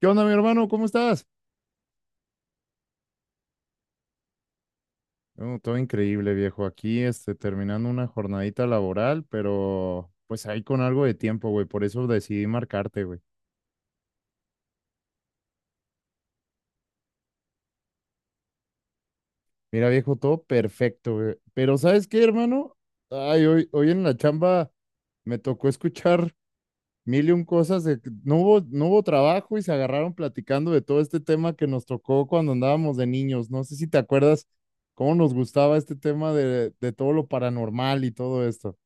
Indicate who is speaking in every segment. Speaker 1: ¿Qué onda, mi hermano? ¿Cómo estás? No, todo increíble, viejo. Aquí, terminando una jornadita laboral, pero pues ahí con algo de tiempo, güey. Por eso decidí marcarte, güey. Mira, viejo, todo perfecto, güey. Pero ¿sabes qué, hermano? Ay, hoy en la chamba me tocó escuchar mil y un cosas de que no hubo trabajo y se agarraron platicando de todo este tema que nos tocó cuando andábamos de niños. No sé si te acuerdas cómo nos gustaba este tema de todo lo paranormal y todo esto.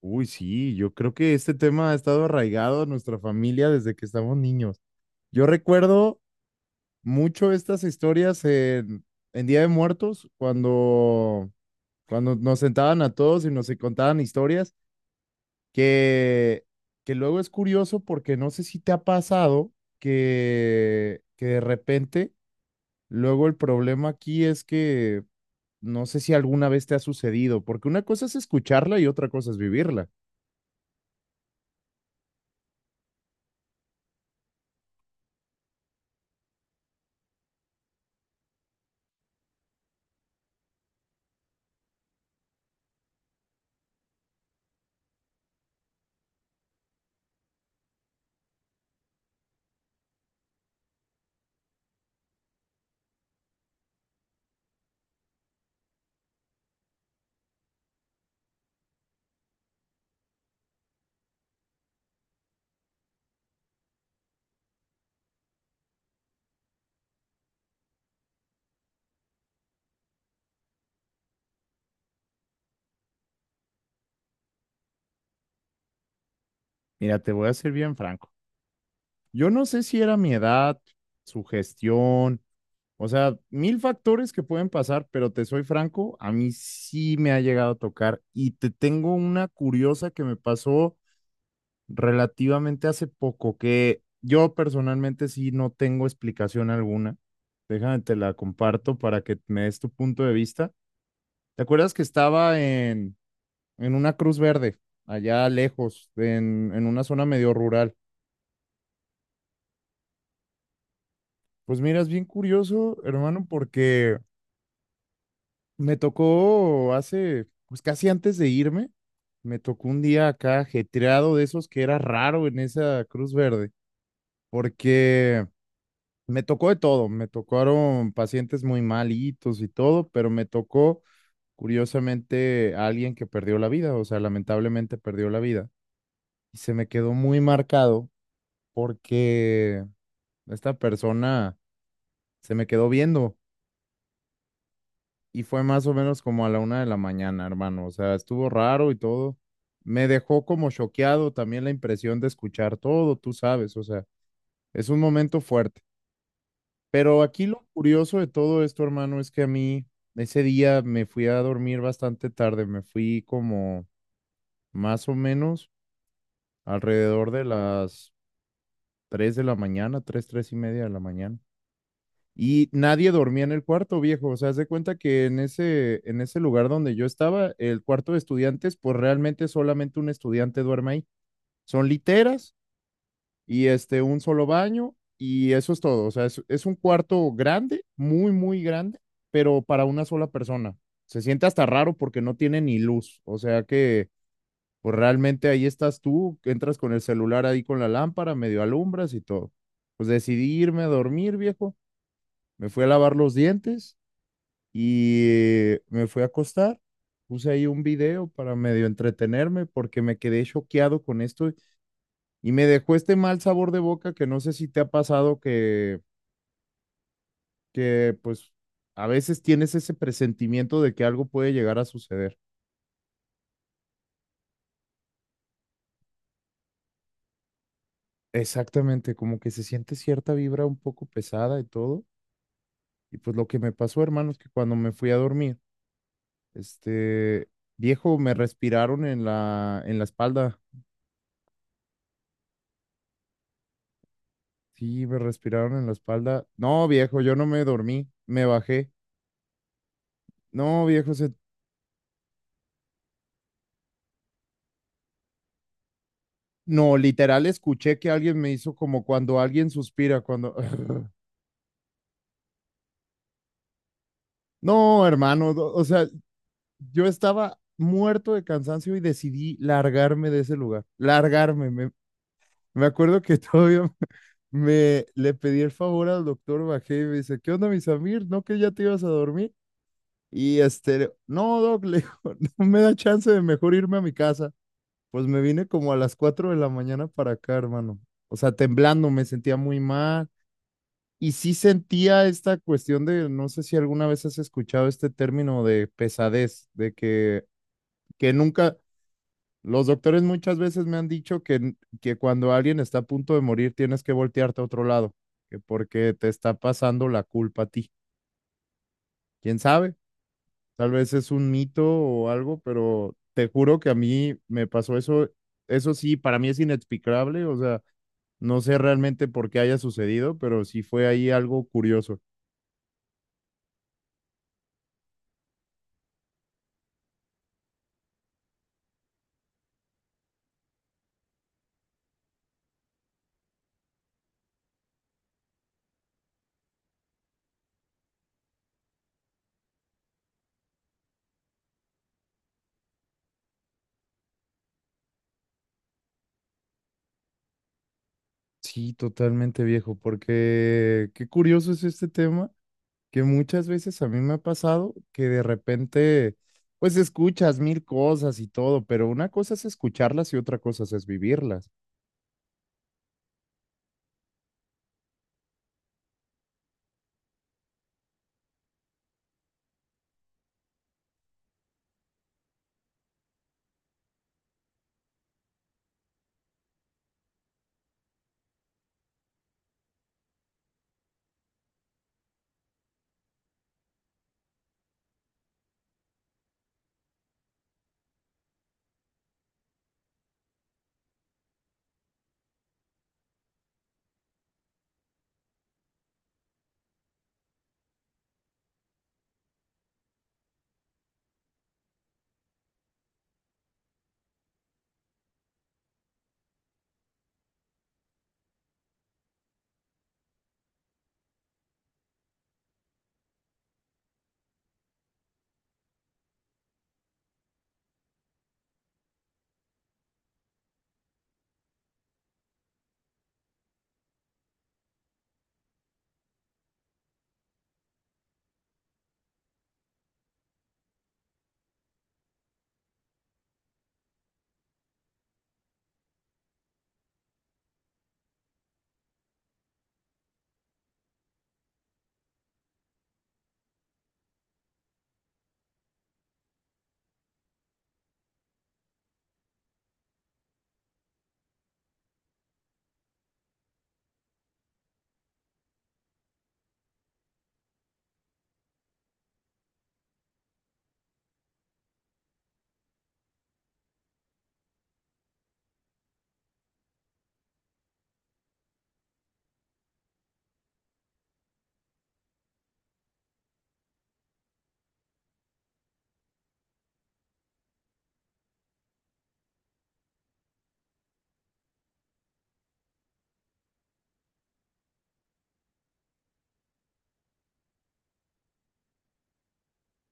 Speaker 1: Uy, sí, yo creo que este tema ha estado arraigado a nuestra familia desde que estamos niños. Yo recuerdo mucho estas historias en Día de Muertos, cuando nos sentaban a todos y nos contaban historias, que, que luego es curioso porque no sé si te ha pasado que de repente, luego el problema aquí es que no sé si alguna vez te ha sucedido, porque una cosa es escucharla y otra cosa es vivirla. Mira, te voy a ser bien franco. Yo no sé si era mi edad, su gestión, o sea, mil factores que pueden pasar, pero te soy franco, a mí sí me ha llegado a tocar y te tengo una curiosa que me pasó relativamente hace poco, que yo personalmente sí no tengo explicación alguna. Déjame, te la comparto para que me des tu punto de vista. ¿Te acuerdas que estaba en una Cruz Verde, allá lejos, en una zona medio rural? Pues mira, es bien curioso, hermano, porque me tocó hace, pues casi antes de irme, me tocó un día acá ajetreado de esos que era raro en esa Cruz Verde, porque me tocó de todo, me tocaron pacientes muy malitos y todo, pero me tocó curiosamente a alguien que perdió la vida, o sea, lamentablemente perdió la vida. Y se me quedó muy marcado porque esta persona se me quedó viendo. Y fue más o menos como a la 1 de la mañana, hermano. O sea, estuvo raro y todo. Me dejó como choqueado también la impresión de escuchar todo, tú sabes, o sea, es un momento fuerte. Pero aquí lo curioso de todo esto, hermano, es que a mí ese día me fui a dormir bastante tarde, me fui como más o menos alrededor de las 3 de la mañana, 3 y media de la mañana. Y nadie dormía en el cuarto, viejo. O sea, haz de cuenta que en en ese lugar donde yo estaba, el cuarto de estudiantes, pues realmente solamente un estudiante duerme ahí. Son literas y un solo baño y eso es todo. O sea, es un cuarto grande, muy grande, pero para una sola persona. Se siente hasta raro porque no tiene ni luz. O sea que, pues realmente ahí estás tú, entras con el celular ahí con la lámpara, medio alumbras y todo. Pues decidí irme a dormir, viejo. Me fui a lavar los dientes y me fui a acostar, puse ahí un video para medio entretenerme porque me quedé choqueado con esto y me dejó este mal sabor de boca que no sé si te ha pasado que pues a veces tienes ese presentimiento de que algo puede llegar a suceder. Exactamente, como que se siente cierta vibra un poco pesada y todo. Y pues lo que me pasó, hermano, es que cuando me fui a dormir, este viejo me respiraron en en la espalda. Sí, me respiraron en la espalda. No, viejo, yo no me dormí, me bajé. No, viejo, se... no, literal escuché que alguien me hizo como cuando alguien suspira, cuando... No, hermano, o sea, yo estaba muerto de cansancio y decidí largarme de ese lugar, largarme. Me me acuerdo que todavía me le pedí el favor al doctor, bajé y me dice, ¿qué onda, mi Samir? ¿No que ya te ibas a dormir? Y no, doc, le digo, no me da chance de mejor irme a mi casa. Pues me vine como a las 4 de la mañana para acá, hermano. O sea, temblando, me sentía muy mal. Y sí sentía esta cuestión de, no sé si alguna vez has escuchado este término de pesadez, de que nunca, los doctores muchas veces me han dicho que, que cuando alguien está a punto de morir tienes que voltearte a otro lado, que porque te está pasando la culpa a ti. ¿Quién sabe? Tal vez es un mito o algo, pero te juro que a mí me pasó eso. Eso sí, para mí es inexplicable, o sea, no sé realmente por qué haya sucedido, pero sí fue ahí algo curioso. Sí, totalmente viejo, porque qué curioso es este tema, que muchas veces a mí me ha pasado que de repente, pues escuchas mil cosas y todo, pero una cosa es escucharlas y otra cosa es vivirlas.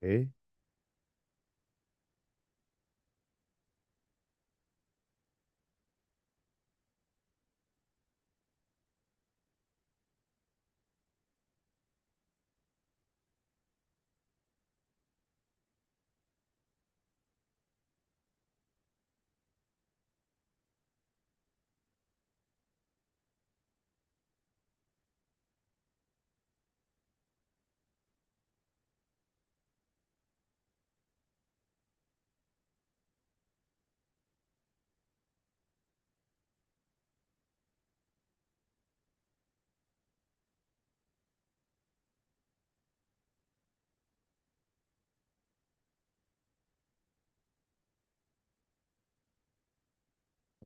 Speaker 1: ¿Eh?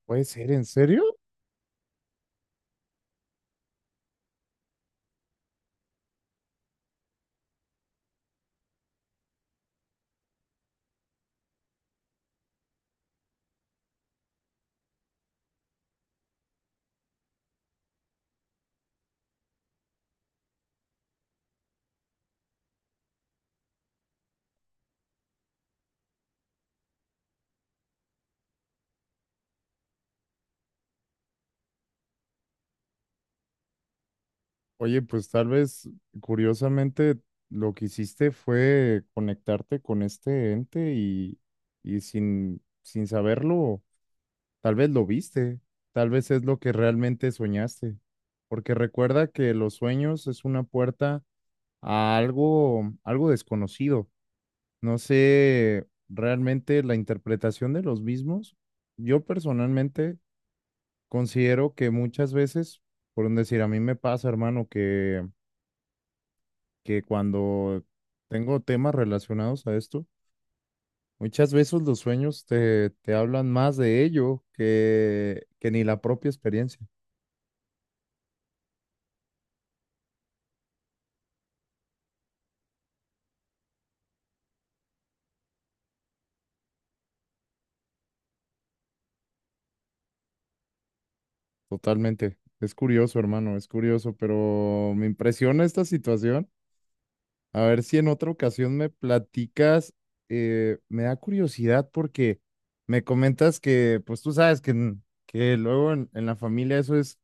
Speaker 1: ¿Puede ser en serio? Oye, pues tal vez curiosamente lo que hiciste fue conectarte con este ente y sin saberlo, tal vez lo viste, tal vez es lo que realmente soñaste, porque recuerda que los sueños es una puerta a algo, algo desconocido. No sé realmente la interpretación de los mismos. Yo personalmente considero que muchas veces, por un decir, a mí me pasa, hermano, que cuando tengo temas relacionados a esto, muchas veces los sueños te hablan más de ello que ni la propia experiencia. Totalmente. Es curioso, hermano, es curioso, pero me impresiona esta situación. A ver si en otra ocasión me platicas, me da curiosidad porque me comentas que, pues tú sabes que, que luego en la familia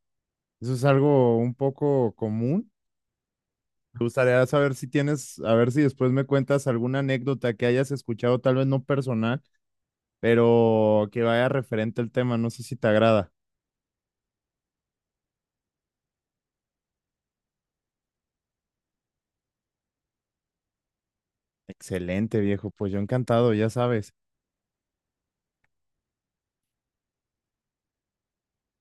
Speaker 1: eso es algo un poco común. Me gustaría saber si tienes, a ver si después me cuentas alguna anécdota que hayas escuchado, tal vez no personal, pero que vaya referente al tema. No sé si te agrada. Excelente, viejo. Pues yo encantado, ya sabes.